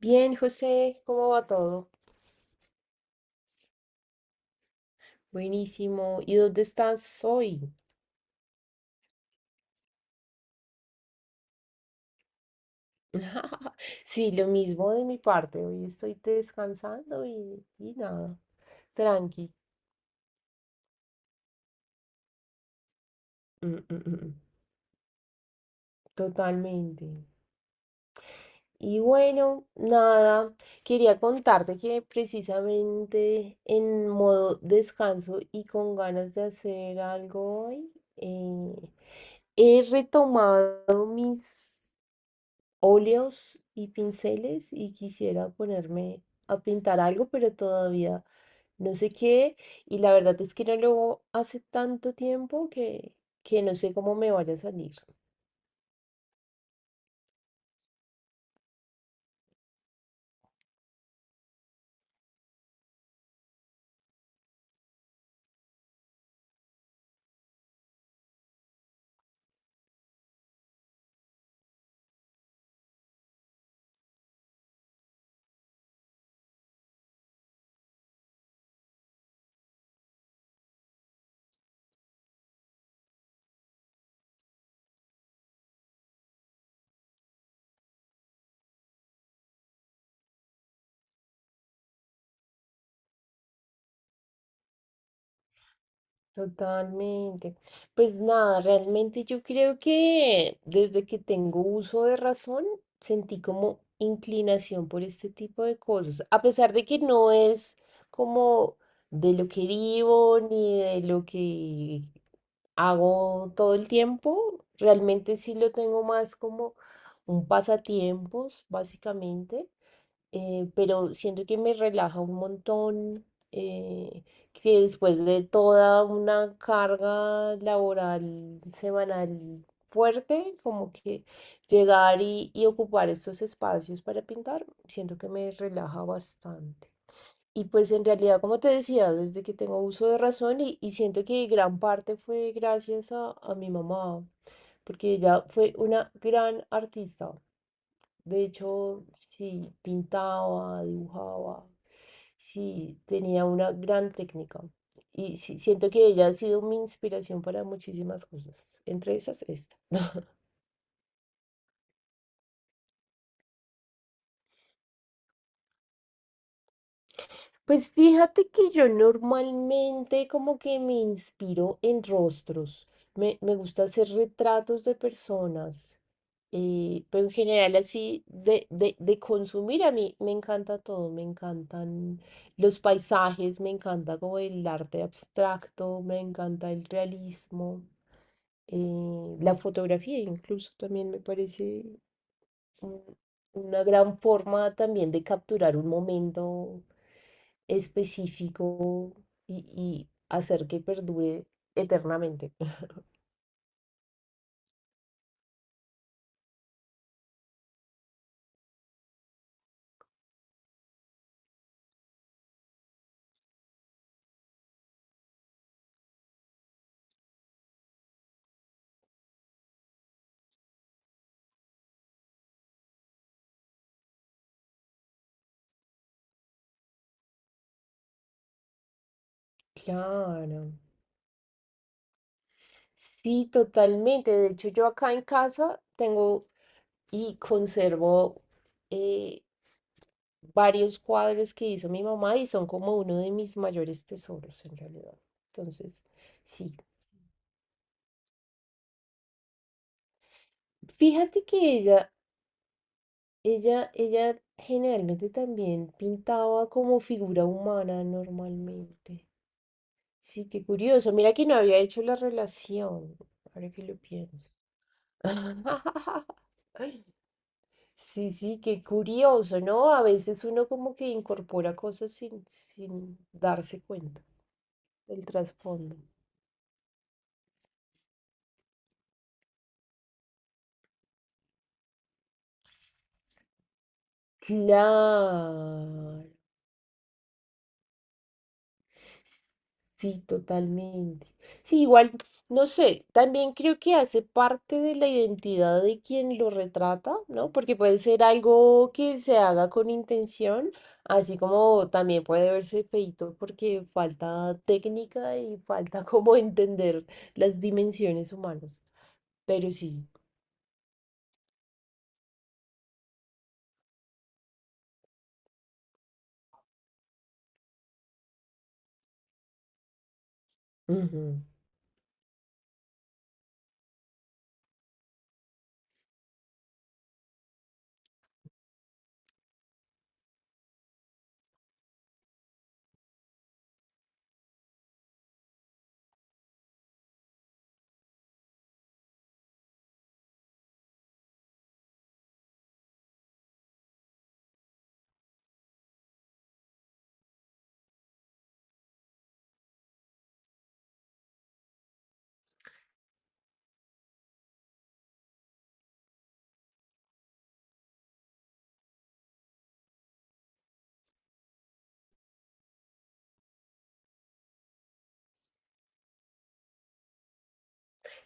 Bien, José, ¿cómo va todo? Buenísimo. ¿Y dónde estás hoy? Sí, lo mismo de mi parte. Hoy estoy descansando y nada. Tranqui. Mm, mm, mm, mm. Totalmente. Y bueno, nada. Quería contarte que precisamente en modo descanso y con ganas de hacer algo hoy, he retomado mis óleos y pinceles y quisiera ponerme a pintar algo, pero todavía no sé qué. Y la verdad es que no lo hago hace tanto tiempo que no sé cómo me vaya a salir. Totalmente. Pues nada, realmente yo creo que desde que tengo uso de razón, sentí como inclinación por este tipo de cosas. A pesar de que no es como de lo que vivo ni de lo que hago todo el tiempo, realmente sí lo tengo más como un pasatiempos, básicamente. Pero siento que me relaja un montón, eh, que después de toda una carga laboral semanal fuerte, como que llegar y ocupar estos espacios para pintar, siento que me relaja bastante. Y pues en realidad, como te decía, desde que tengo uso de razón y siento que gran parte fue gracias a mi mamá, porque ella fue una gran artista. De hecho, sí, pintaba, dibujaba, sí, tenía una gran técnica. Y sí, siento que ella ha sido mi inspiración para muchísimas cosas, entre esas esta. Pues fíjate que yo normalmente como que me inspiro en rostros. Me gusta hacer retratos de personas. Pero en general así de consumir a mí me encanta todo, me encantan los paisajes, me encanta como el arte abstracto, me encanta el realismo, la fotografía incluso también me parece un- una gran forma también de capturar un momento específico y hacer que perdure eternamente. Claro, sí, totalmente. De hecho, yo acá en casa tengo y conservo eh, varios cuadros que hizo mi mamá y son como uno de mis mayores tesoros en realidad. Entonces, sí, fíjate que ella ella generalmente también pintaba como figura humana normalmente. Sí, qué curioso. Mira que no había hecho la relación, ahora que lo pienso. Sí, sí, qué curioso, ¿no? A veces uno como que incorpora cosas sin darse cuenta del trasfondo. Claro. Sí, totalmente. Sí, igual, no sé, también creo que hace parte de la identidad de quien lo retrata, ¿no? Porque puede ser algo que se haga con intención, así como también puede verse feíto porque falta técnica y falta como entender las dimensiones humanas. Pero sí.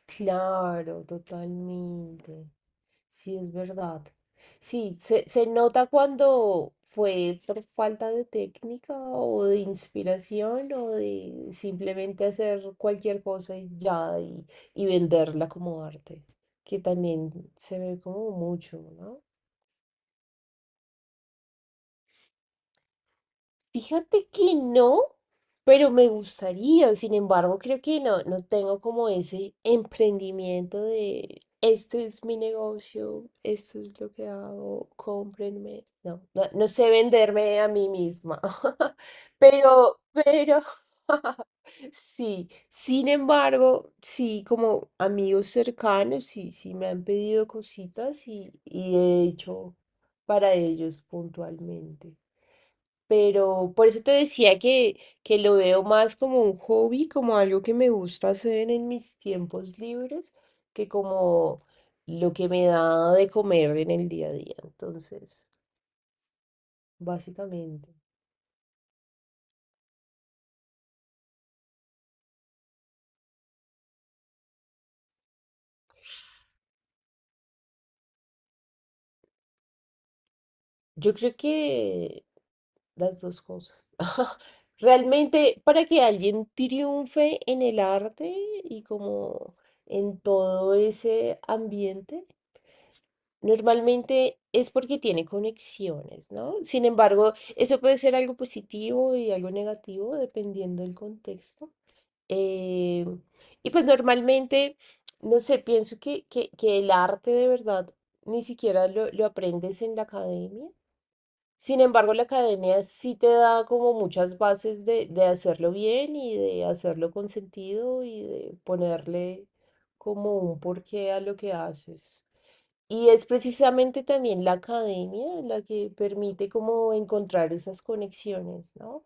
Claro, totalmente. Sí, es verdad. Sí, se nota cuando fue por falta de técnica o de inspiración o de simplemente hacer cualquier cosa y ya y venderla como arte, que también se ve como mucho, ¿no? Fíjate que no, pero me gustaría. Sin embargo, creo que no, no tengo como ese emprendimiento de este es mi negocio, esto es lo que hago, cómprenme. No, no, no sé venderme a mí misma. Pero, pero, sí. Sin embargo, sí, como amigos cercanos, sí, sí me han pedido cositas y he hecho para ellos puntualmente. Pero por eso te decía que lo veo más como un hobby, como algo que me gusta hacer en mis tiempos libres, que como lo que me da de comer en el día a día. Entonces, básicamente. Yo creo que las dos cosas. Realmente, para que alguien triunfe en el arte y como en todo ese ambiente, normalmente es porque tiene conexiones, ¿no? Sin embargo, eso puede ser algo positivo y algo negativo dependiendo del contexto. Eh, y pues normalmente, no sé, pienso que el arte de verdad ni siquiera lo aprendes en la academia, sin embargo, la academia sí te da como muchas bases de hacerlo bien y de hacerlo con sentido y de ponerle como un porqué a lo que haces. Y es precisamente también la academia la que permite como encontrar esas conexiones, ¿no?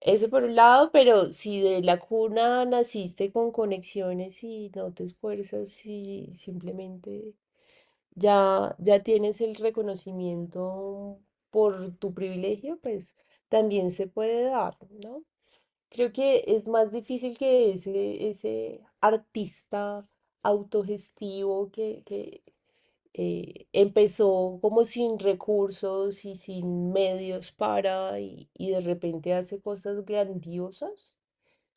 Eso por un lado, pero si de la cuna naciste con conexiones y no te esfuerzas y simplemente ya tienes el reconocimiento por tu privilegio, pues también se puede dar, ¿no? Creo que es más difícil que ese artista autogestivo que empezó como sin recursos y sin medios para y de repente hace cosas grandiosas.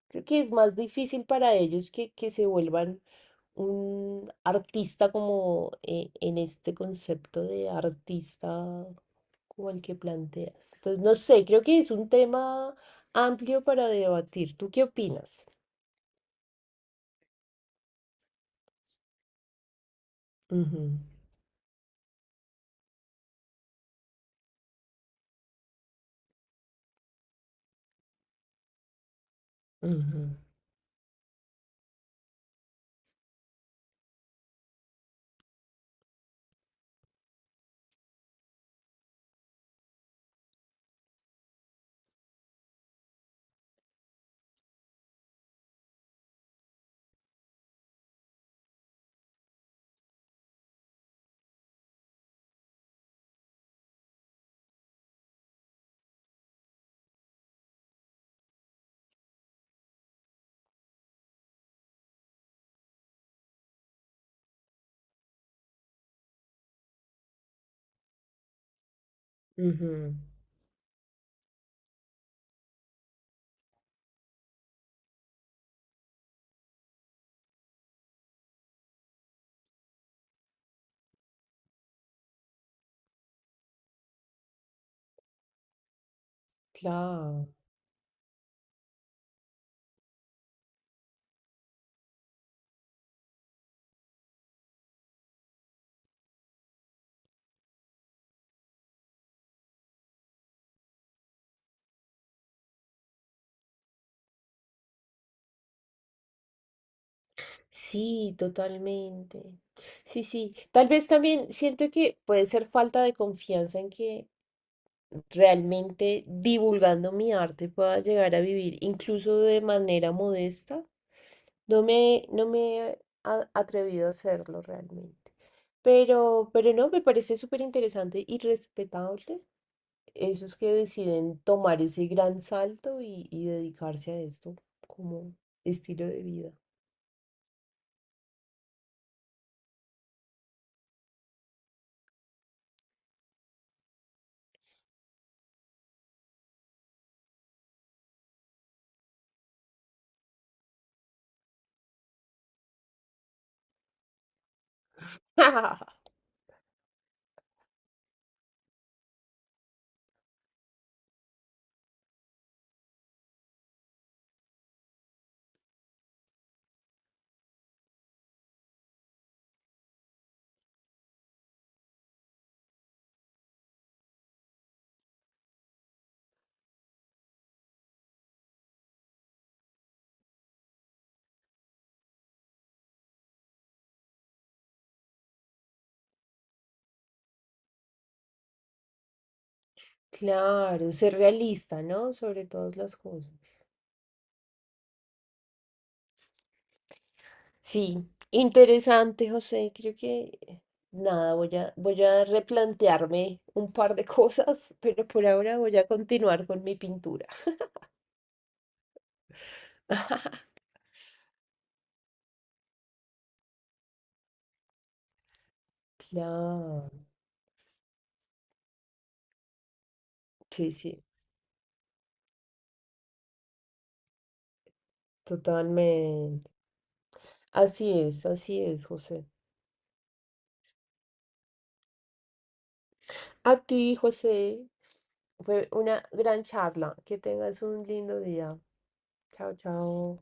Creo que es más difícil para ellos que se vuelvan un artista como en este concepto de artista como el que planteas. Entonces, no sé, creo que es un tema amplio para debatir. ¿Tú qué opinas? Ujú, ujú, ujú. Claro. Sí, totalmente. Sí, sí. Tal vez también siento que puede ser falta de confianza en que realmente divulgando mi arte pueda llegar a vivir incluso de manera modesta. No me he atrevido a hacerlo realmente. No, me parece súper interesante y respetable esos que deciden tomar ese gran salto y dedicarse a esto como estilo de vida. Claro, ser realista, ¿no? Sobre todas las cosas. Sí, interesante, José. Creo que nada, voy a replantearme un par de cosas, pero por ahora voy a continuar con mi pintura. Claro, sí, sí, totalmente. Así es, José. A ti, José, fue una gran charla. Que tengas un lindo día. Chao, chao.